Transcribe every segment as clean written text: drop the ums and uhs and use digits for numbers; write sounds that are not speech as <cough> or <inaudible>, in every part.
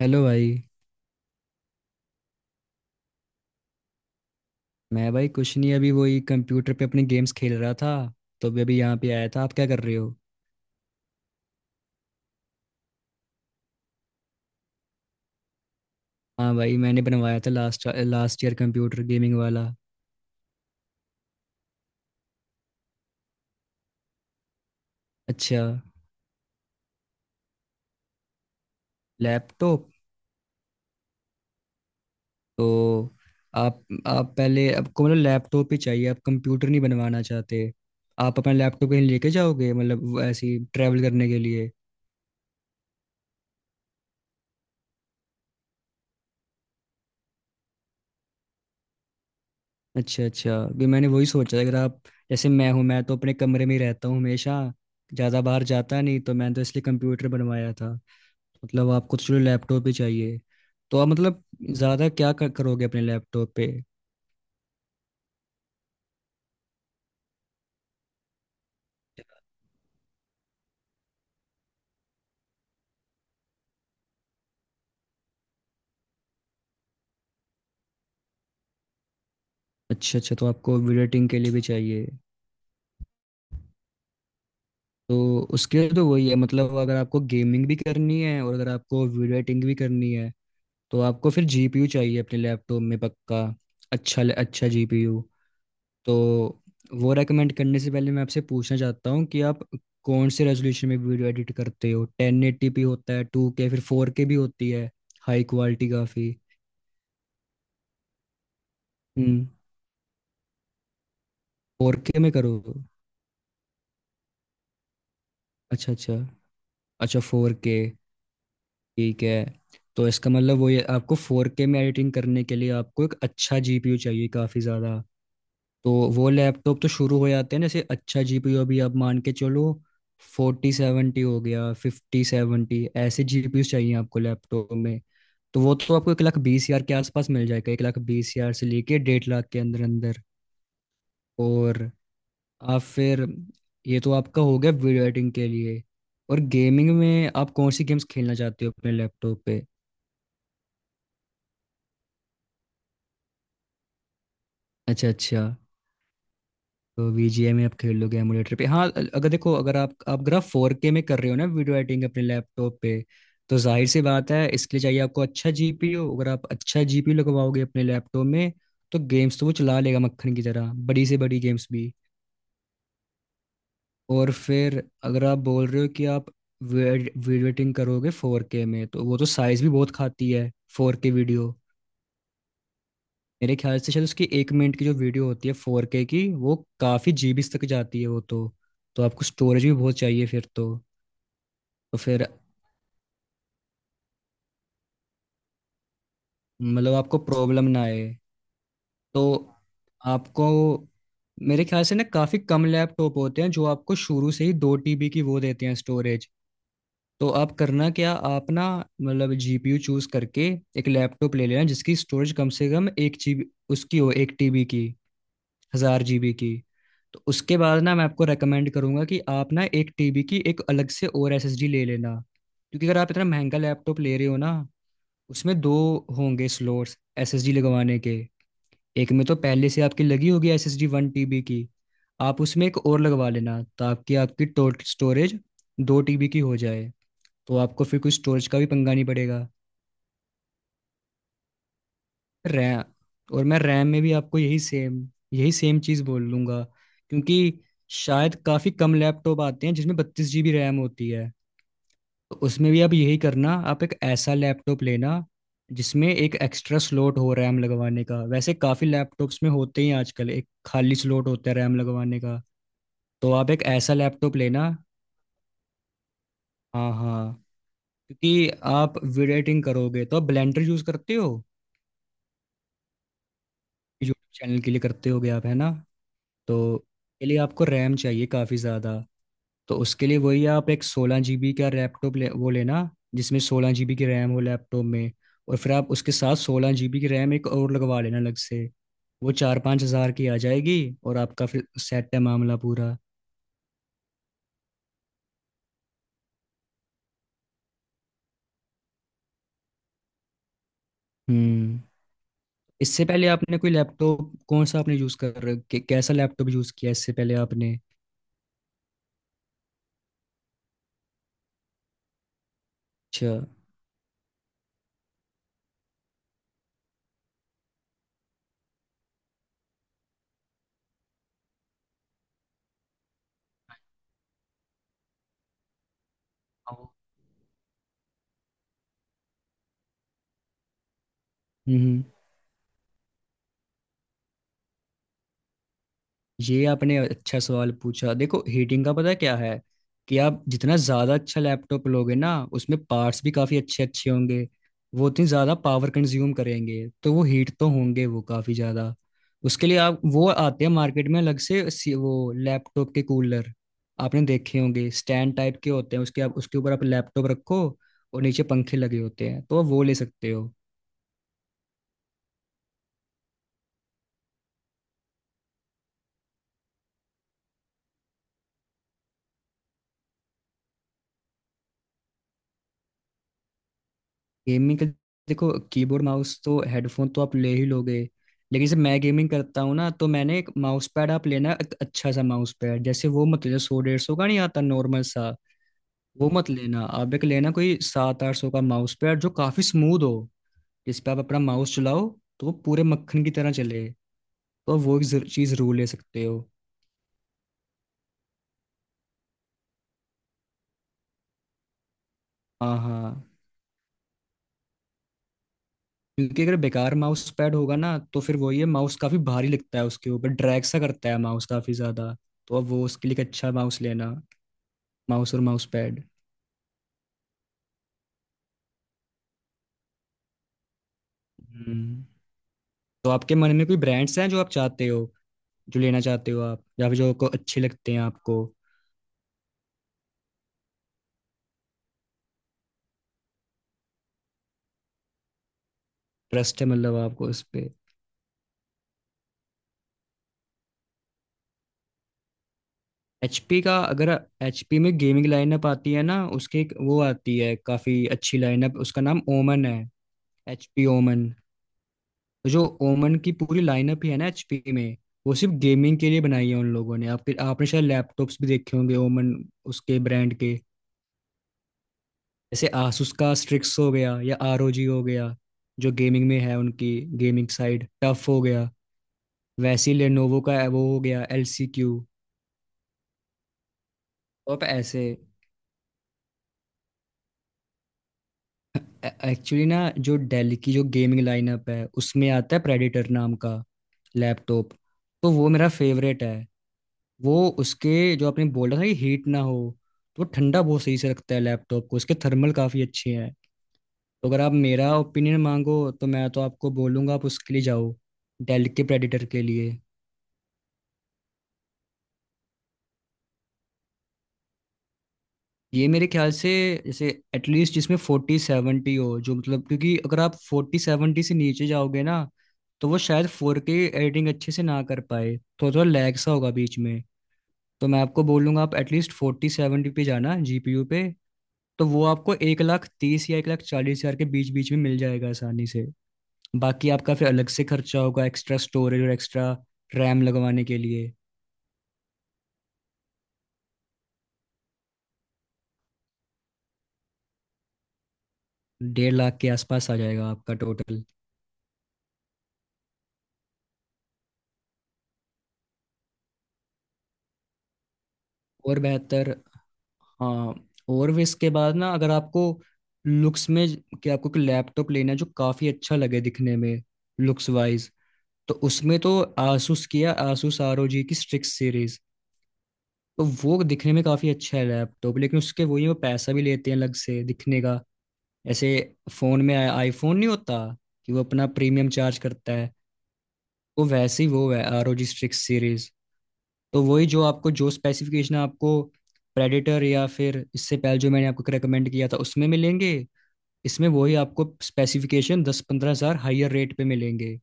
Hello भाई। मैं भाई कुछ नहीं, अभी वही कंप्यूटर पे अपने गेम्स खेल रहा था, तो अभी अभी यहाँ पे आया था। आप क्या कर रहे हो? हाँ भाई, मैंने बनवाया था last last year, computer gaming वाला। अच्छा लैपटॉप। तो आप पहले, आपको मतलब लैपटॉप ही चाहिए? आप कंप्यूटर नहीं बनवाना चाहते? आप अपना लैपटॉप कहीं लेके जाओगे मतलब, वो ऐसे ही ट्रैवल करने के लिए? अच्छा अच्छा, भी मैंने वही सोचा। अगर आप, जैसे मैं हूँ, मैं तो अपने कमरे में ही रहता हूँ हमेशा, ज़्यादा बाहर जाता नहीं, तो मैंने तो इसलिए कंप्यूटर बनवाया था। मतलब आपको तो चलो लैपटॉप ही चाहिए। तो आप मतलब ज़्यादा करोगे अपने लैपटॉप पे? अच्छा अच्छा, तो आपको वीडियो एडिटिंग के लिए भी चाहिए? तो उसके लिए तो वही है मतलब, अगर आपको गेमिंग भी करनी है और अगर आपको वीडियो एडिटिंग भी करनी है, तो आपको फिर जीपीयू चाहिए अपने लैपटॉप में पक्का। अच्छा अच्छा, जीपीयू। तो वो रेकमेंड करने से पहले मैं आपसे पूछना चाहता हूँ कि आप कौन से रेजोल्यूशन में वीडियो एडिट करते हो? 1080p होता है, 2K, फिर 4K भी होती है, हाई क्वालिटी काफ़ी। हम्म। फोर के में करो? अच्छा अच्छा। अच्छा, फोर के। ठीक है। तो इसका मतलब वो ये, आपको फोर के में एडिटिंग करने के लिए आपको एक अच्छा जीपीयू चाहिए काफ़ी ज़्यादा। तो वो लैपटॉप तो शुरू हो जाते हैं ना, जैसे अच्छा जीपीयू, अभी आप मान के चलो 4070 हो गया, 5070, ऐसे जीपीयू चाहिए आपको लैपटॉप में। तो वो तो आपको 1,20,000 के आसपास मिल जाएगा, एक लाख बीस हजार से लेके 1,50,000 के अंदर अंदर। और आप फिर, ये तो आपका हो गया वीडियो एडिटिंग के लिए। और गेमिंग में आप कौन सी गेम्स खेलना चाहते हो अपने लैपटॉप पे? अच्छा अच्छा, तो VGA में आप खेल लोगे एमुलेटर पे? हाँ, अगर देखो, अगर आप 4K में कर रहे हो ना वीडियो एडिटिंग अपने लैपटॉप पे, तो जाहिर सी बात है, इसके लिए चाहिए आपको अच्छा जीपीयू। अगर आप अच्छा जीपीयू लगवाओगे अपने लैपटॉप में, तो गेम्स तो वो चला लेगा मक्खन की तरह, बड़ी से बड़ी गेम्स भी। और फिर अगर आप बोल रहे हो कि आप वीडियो एडिटिंग करोगे फोर के में, तो वो तो साइज भी बहुत खाती है, फोर के वीडियो। मेरे ख्याल से शायद उसकी एक मिनट की जो वीडियो होती है फोर के की, वो काफ़ी जीबीज तक जाती है वो तो। तो आपको स्टोरेज भी बहुत चाहिए फिर तो। तो फिर मतलब आपको प्रॉब्लम ना आए। तो आपको, मेरे ख्याल से ना, काफ़ी कम लैपटॉप होते हैं जो आपको शुरू से ही 2 टीबी की वो देते हैं स्टोरेज। तो आप करना क्या, आप ना मतलब जीपीयू चूज करके एक लैपटॉप ले लेना जिसकी स्टोरेज कम से कम 1 जीबी, उसकी हो 1 टीबी की, 1000 जीबी की। तो उसके बाद ना, मैं आपको रेकमेंड करूंगा कि आप ना 1 टीबी की एक अलग से और एसएसडी ले लेना। क्योंकि अगर आप इतना महंगा लैपटॉप ले रहे हो ना, उसमें दो होंगे स्लोट्स एसएसडी लगवाने के। एक में तो पहले से आपकी लगी होगी एसएसडी 1 टीबी की। आप उसमें एक और लगवा लेना ताकि आपकी टोटल स्टोरेज 2 टीबी की हो जाए। तो आपको फिर कुछ स्टोरेज का भी पंगा नहीं पड़ेगा। रैम, और मैं रैम में भी आपको यही सेम चीज़ बोल लूँगा। क्योंकि शायद काफ़ी कम लैपटॉप आते हैं जिसमें 32 जीबी रैम होती है। तो उसमें भी आप यही करना, आप एक ऐसा लैपटॉप लेना जिसमें एक एक्स्ट्रा स्लॉट हो रैम लगवाने का। वैसे काफ़ी लैपटॉप्स में होते ही हैं आजकल, एक खाली स्लॉट होता है रैम लगवाने का। तो आप एक ऐसा लैपटॉप लेना। हाँ हाँ। क्योंकि आप वीडियो एडिटिंग करोगे तो आप ब्लेंडर यूज़ करते हो, यूट्यूब चैनल के लिए करते होगे आप, है ना? तो के लिए आपको रैम चाहिए काफ़ी ज़्यादा। तो उसके लिए वही, आप एक 16 जीबी का लैपटॉप ले, वो लेना जिसमें 16 जीबी की रैम हो लैपटॉप में, और फिर आप उसके साथ 16 जीबी की रैम एक और लगवा लेना अलग से। वो चार पाँच हज़ार की आ जाएगी। और आपका फिर सेट है मामला पूरा। हम्म। इससे पहले आपने कोई लैपटॉप, कौन सा आपने कैसा लैपटॉप यूज़ किया इससे पहले आपने? अच्छा। हम्म, ये आपने अच्छा सवाल पूछा। देखो हीटिंग का पता क्या है, कि आप जितना ज़्यादा अच्छा लैपटॉप लोगे ना, उसमें पार्ट्स भी काफ़ी अच्छे अच्छे होंगे, वो उतनी ज़्यादा पावर कंज्यूम करेंगे, तो वो हीट तो होंगे वो काफ़ी ज़्यादा। उसके लिए आप, वो आते हैं मार्केट में अलग से वो लैपटॉप के कूलर, आपने देखे होंगे, स्टैंड टाइप के होते हैं उसके, आप उसके ऊपर आप लैपटॉप रखो और नीचे पंखे लगे होते हैं, तो आप वो ले सकते हो। गेमिंग का, देखो, कीबोर्ड, माउस तो, हेडफोन तो आप ले ही लोगे। लेकिन जब मैं गेमिंग करता हूँ ना, तो मैंने एक माउस पैड, आप लेना एक अच्छा सा माउस पैड। जैसे वो मत लेना, सौ डेढ़ सौ का नहीं आता नॉर्मल सा, वो मत लेना। आप एक लेना कोई सात आठ सौ का माउस पैड जो काफी स्मूथ हो, जिस पे आप अपना माउस चलाओ, तो वो पूरे मक्खन की तरह चले। तो वो एक चीज जरूर ले सकते हो। हाँ हाँ। क्योंकि अगर बेकार माउस पैड होगा ना, तो फिर वही है, माउस काफी भारी लगता है, उसके ऊपर ड्रैग सा करता है माउस काफी ज्यादा। तो अब वो उसके लिए एक अच्छा माउस लेना, माउस और माउस पैड। हम्म। तो आपके मन में कोई ब्रांड्स हैं जो आप चाहते हो, जो लेना चाहते हो आप, या फिर जो आपको अच्छे लगते हैं, आपको ट्रस्ट है मतलब आपको उस पे? एचपी का, अगर एचपी में गेमिंग लाइनअप आती है ना उसके, एक वो आती है काफी अच्छी लाइनअप, उसका नाम ओमन है, एचपी ओमन। तो जो ओमन की पूरी लाइनअप ही है ना एचपी में, वो सिर्फ गेमिंग के लिए बनाई है उन लोगों ने। आपके आपने शायद लैपटॉप्स भी देखे होंगे ओमन उसके ब्रांड के। जैसे आसूस का स्ट्रिक्स हो गया, या आरओजी हो गया, जो गेमिंग में है उनकी, गेमिंग साइड टफ हो गया। वैसे ही लेनोवो का वो हो गया एलसीक्यू। तो आप ऐसे, एक्चुअली ना, जो डेल की जो गेमिंग लाइनअप है, उसमें आता है प्रेडिटर नाम का लैपटॉप, तो वो मेरा फेवरेट है। वो, उसके जो आपने बोला था कि हीट ना हो, तो वो ठंडा बहुत सही से रखता है लैपटॉप को, उसके थर्मल काफ़ी अच्छे हैं। तो अगर आप मेरा ओपिनियन मांगो, तो मैं तो आपको बोलूँगा आप उसके लिए जाओ, डेल के प्रेडिटर के लिए। ये मेरे ख्याल से, जैसे एटलीस्ट जिसमें 4070 हो, जो मतलब, क्योंकि अगर आप 4070 से नीचे जाओगे ना, तो वो शायद फोर के एडिटिंग अच्छे से ना कर पाए, थोड़ा थोड़ा लैग सा होगा बीच में। तो मैं आपको बोलूँगा, आप एटलीस्ट 4070 पे जाना जीपीयू पे। तो वो आपको 1,30,000 या 1,40,000 के बीच बीच में मिल जाएगा आसानी से। बाकी आपका फिर अलग से खर्चा होगा एक्स्ट्रा स्टोरेज और एक्स्ट्रा रैम लगवाने के लिए। 1,50,000 के आसपास आ जाएगा आपका टोटल। और बेहतर? हाँ, और भी। इसके बाद ना, अगर आपको लुक्स में, कि आपको कोई लैपटॉप लेना है जो काफ़ी अच्छा लगे दिखने में, लुक्स वाइज, तो उसमें तो आसूस, किया आसूस आर ओ जी की स्ट्रिक्स सीरीज। तो वो दिखने में काफ़ी अच्छा है लैपटॉप, लेकिन उसके वही वो पैसा भी लेते हैं अलग से दिखने का। ऐसे फोन में आईफोन नहीं होता, कि वो अपना प्रीमियम चार्ज करता है, वो वैसे ही वो है आर ओ जी स्ट्रिक्स सीरीज। तो वही जो आपको, जो स्पेसिफिकेशन आपको प्रेडेटर या फिर इससे पहले जो मैंने आपको रिकमेंड किया था उसमें मिलेंगे, इसमें वही आपको स्पेसिफिकेशन 10-15 हज़ार हाइयर रेट पे मिलेंगे।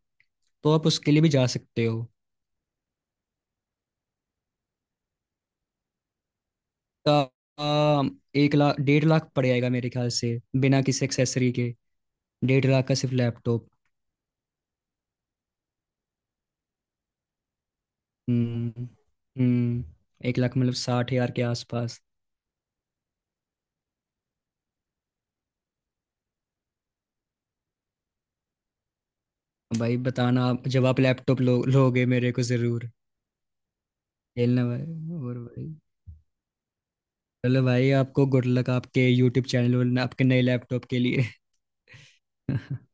तो आप उसके लिए भी जा सकते हो। का, आ, 1,00,000-1,50,000 पड़ जाएगा मेरे ख्याल से, बिना किसी एक्सेसरी के, 1,50,000 का सिर्फ लैपटॉप। हम्म। हम्म। 1,00,000 मतलब, 60,000 के आसपास। भाई बताना, आप जब आप लैपटॉप लो लोगे मेरे को जरूर। खेलना भाई। और भाई, चलो भाई, आपको गुड लक आपके यूट्यूब चैनल और आपके नए लैपटॉप के लिए। <laughs>